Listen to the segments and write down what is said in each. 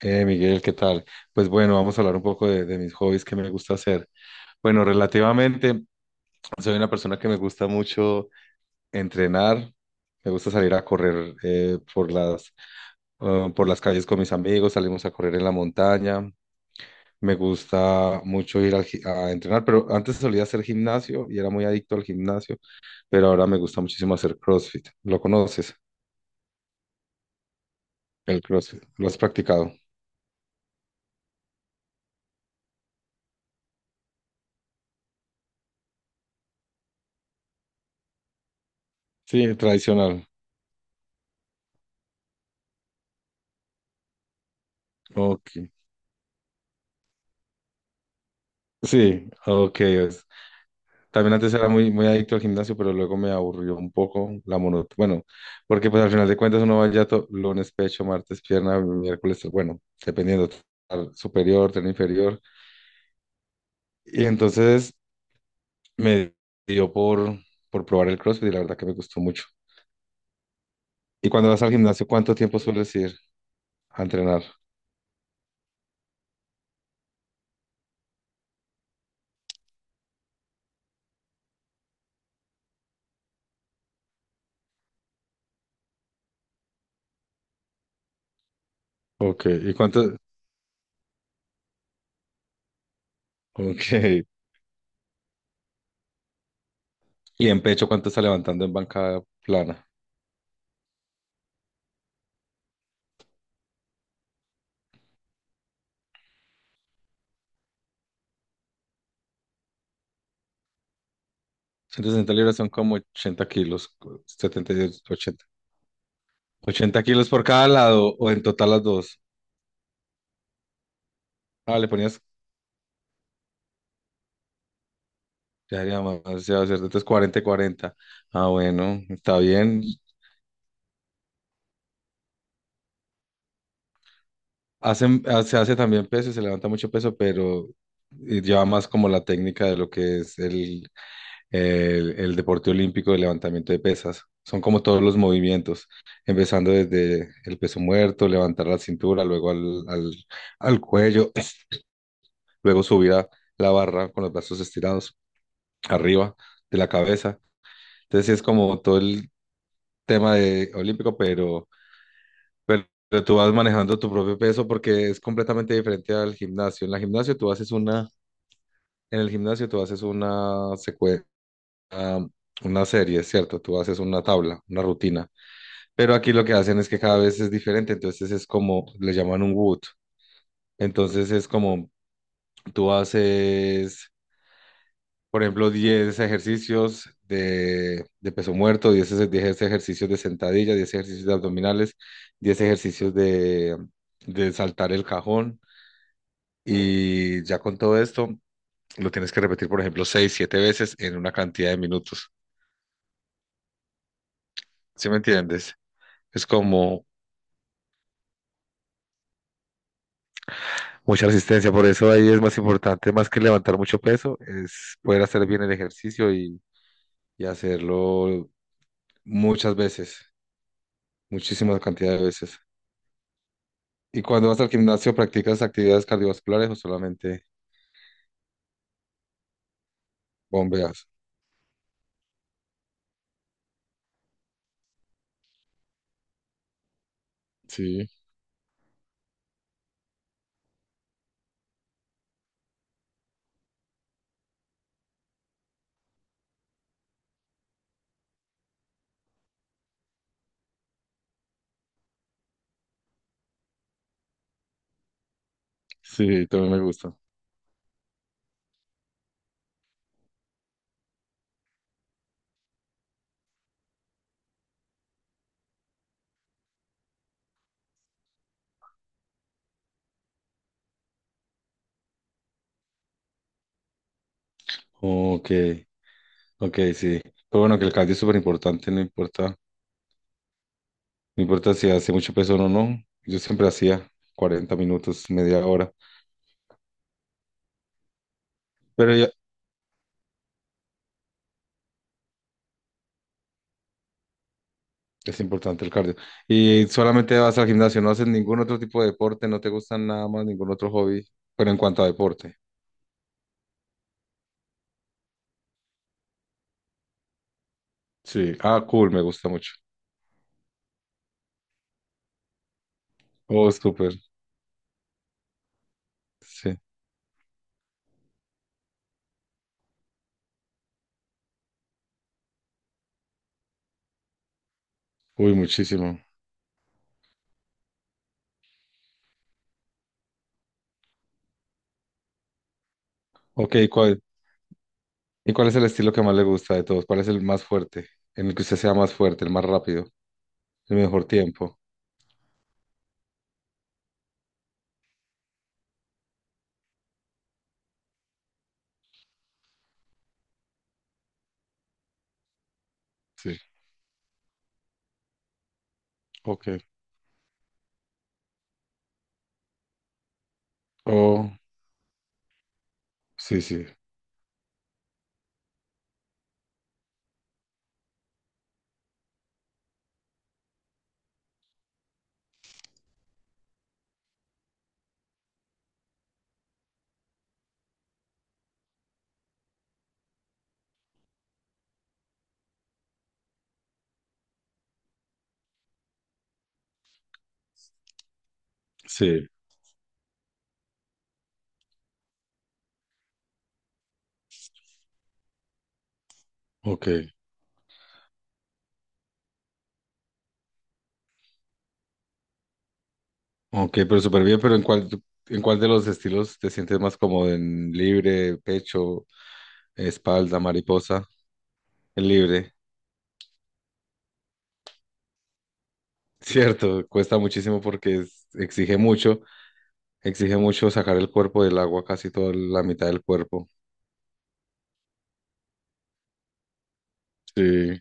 Miguel, ¿qué tal? Pues bueno, vamos a hablar un poco de mis hobbies que me gusta hacer. Bueno, relativamente, soy una persona que me gusta mucho entrenar, me gusta salir a correr por las calles con mis amigos, salimos a correr en la montaña. Me gusta mucho ir a entrenar, pero antes solía hacer gimnasio y era muy adicto al gimnasio, pero ahora me gusta muchísimo hacer CrossFit. ¿Lo conoces? El CrossFit, ¿lo has practicado? Sí, tradicional. Ok. Sí, ok. También antes era muy, muy adicto al gimnasio, pero luego me aburrió un poco la monotonía. Bueno, porque pues al final de cuentas uno va ya lunes pecho, martes pierna, miércoles, bueno, dependiendo, tren superior, tren inferior. Y entonces me dio por probar el CrossFit y la verdad que me gustó mucho. ¿Y cuando vas al gimnasio, cuánto tiempo sueles ir a entrenar? Ok, ¿y cuánto? Ok. ¿Y en pecho cuánto está levantando en banca plana? 160 libras son como 80 kilos, 78. ¿80 kilos por cada lado o en total las dos? Ah, le ponías, ya sería más, ya va a ser, entonces 40 y 40. Ah, bueno, está bien. Hacen, ah, se hace también peso, se levanta mucho peso, pero lleva más como la técnica de lo que es el deporte olímpico de levantamiento de pesas. Son como todos los movimientos, empezando desde el peso muerto, levantar la cintura, luego al cuello, luego subir a la barra con los brazos estirados arriba de la cabeza. Entonces sí es como todo el tema de olímpico, pero tú vas manejando tu propio peso porque es completamente diferente al gimnasio. En el gimnasio tú haces una secuencia, una serie, ¿cierto? Tú haces una tabla, una rutina. Pero aquí lo que hacen es que cada vez es diferente, entonces es como, le llaman un wood. Entonces es como tú haces. Por ejemplo, 10 ejercicios de peso muerto, 10 ejercicios de sentadilla, 10 ejercicios de abdominales, 10 ejercicios de saltar el cajón. Y ya con todo esto, lo tienes que repetir, por ejemplo, 6 7 veces en una cantidad de minutos. ¿Sí me entiendes? Es como mucha resistencia. Por eso ahí es más importante, más que levantar mucho peso, es poder hacer bien el ejercicio y hacerlo muchas veces, muchísima cantidad de veces. ¿Y cuando vas al gimnasio, practicas actividades cardiovasculares o solamente bombeas? Sí, sí, también me gusta. Ok, ok, sí. Pero bueno, que el cardio es súper importante, no importa, no importa si hace mucho peso o no. No. Yo siempre hacía 40 minutos, media hora, pero ya es importante el cardio. ¿Y solamente vas al gimnasio, no haces ningún otro tipo de deporte, no te gustan nada más, ningún otro hobby, pero en cuanto a deporte? Sí, ah, cool, me gusta mucho. Oh, súper, sí. Uy, muchísimo. Ok, ¿cuál? ¿Y cuál es el estilo que más le gusta de todos? ¿Cuál es el más fuerte? En el que usted sea más fuerte, el más rápido, el mejor tiempo. Sí, ok. Oh, sí, sí, sí, ok. Ok, pero súper bien, pero en cuál de los estilos te sientes más cómodo? ¿En libre, pecho, espalda, mariposa? En libre. Cierto, cuesta muchísimo porque exige mucho sacar el cuerpo del agua, casi toda la mitad del cuerpo. Sí,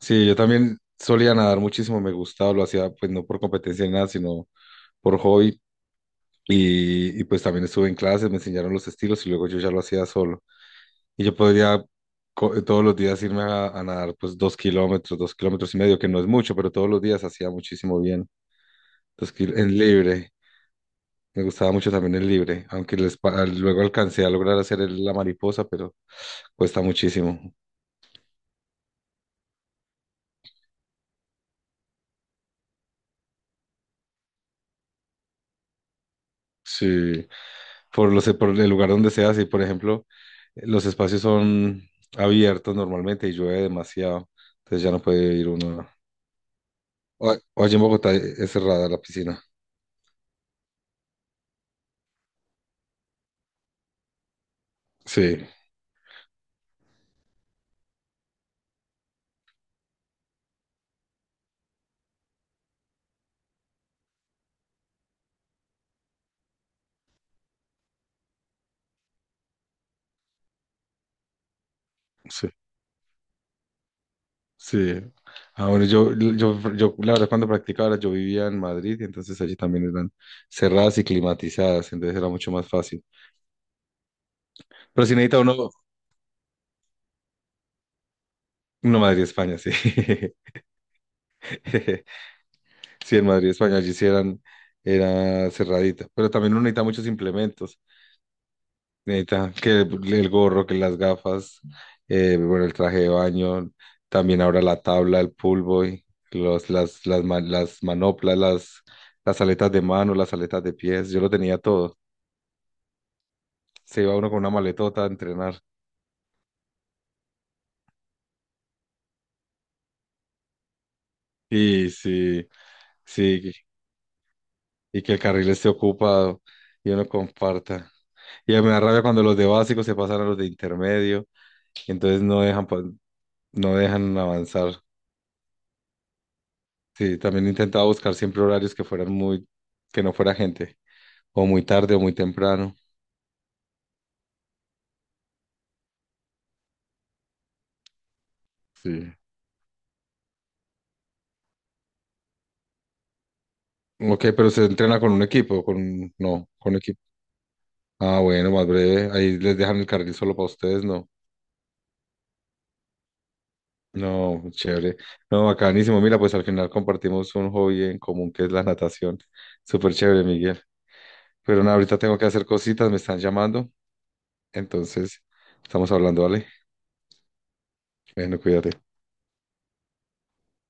sí, yo también solía nadar muchísimo, me gustaba, lo hacía pues no por competencia ni nada, sino por hobby. Pues también estuve en clases, me enseñaron los estilos y luego yo ya lo hacía solo. Y yo podría todos los días irme a nadar pues 2 kilómetros, 2 kilómetros y medio, que no es mucho, pero todos los días hacía muchísimo bien. En libre, me gustaba mucho también el libre, aunque luego alcancé a lograr hacer la mariposa, pero cuesta muchísimo. Sí. Por el lugar donde se hace. Por ejemplo, los espacios son abiertos normalmente y llueve demasiado, entonces ya no puede ir uno. O, o allí en Bogotá es cerrada la piscina. Sí, sí, sí. Ah, bueno, la verdad, cuando practicaba, ahora yo vivía en Madrid y entonces allí también eran cerradas y climatizadas, entonces era mucho más fácil. Pero si necesita uno, no, Madrid, España, sí. Sí, en Madrid, España, allí sí era cerradita. Pero también uno necesita muchos implementos neta que el gorro, que las gafas, bueno, el traje de baño, también ahora la tabla, el pool boy, los, las, ma- las manoplas, las aletas de mano, las aletas de pies, yo lo tenía todo. Se iba uno con una maletota a entrenar. Y sí, sí, y que el carril esté ocupado y uno comparta. Y me da rabia cuando los de básico se pasan a los de intermedio, y entonces no dejan, no dejan avanzar. Sí, también intentaba buscar siempre horarios que no fuera gente, o muy tarde o muy temprano. Sí. Ok, pero se entrena con un equipo, con, no, con equipo. Ah, bueno, más breve, ahí les dejan el carril solo para ustedes, ¿no? No, chévere. No, bacanísimo. Mira, pues al final compartimos un hobby en común que es la natación. Súper chévere, Miguel. Pero nada, ahorita tengo que hacer cositas, me están llamando. Entonces, estamos hablando, ¿vale? Bueno, cuídate.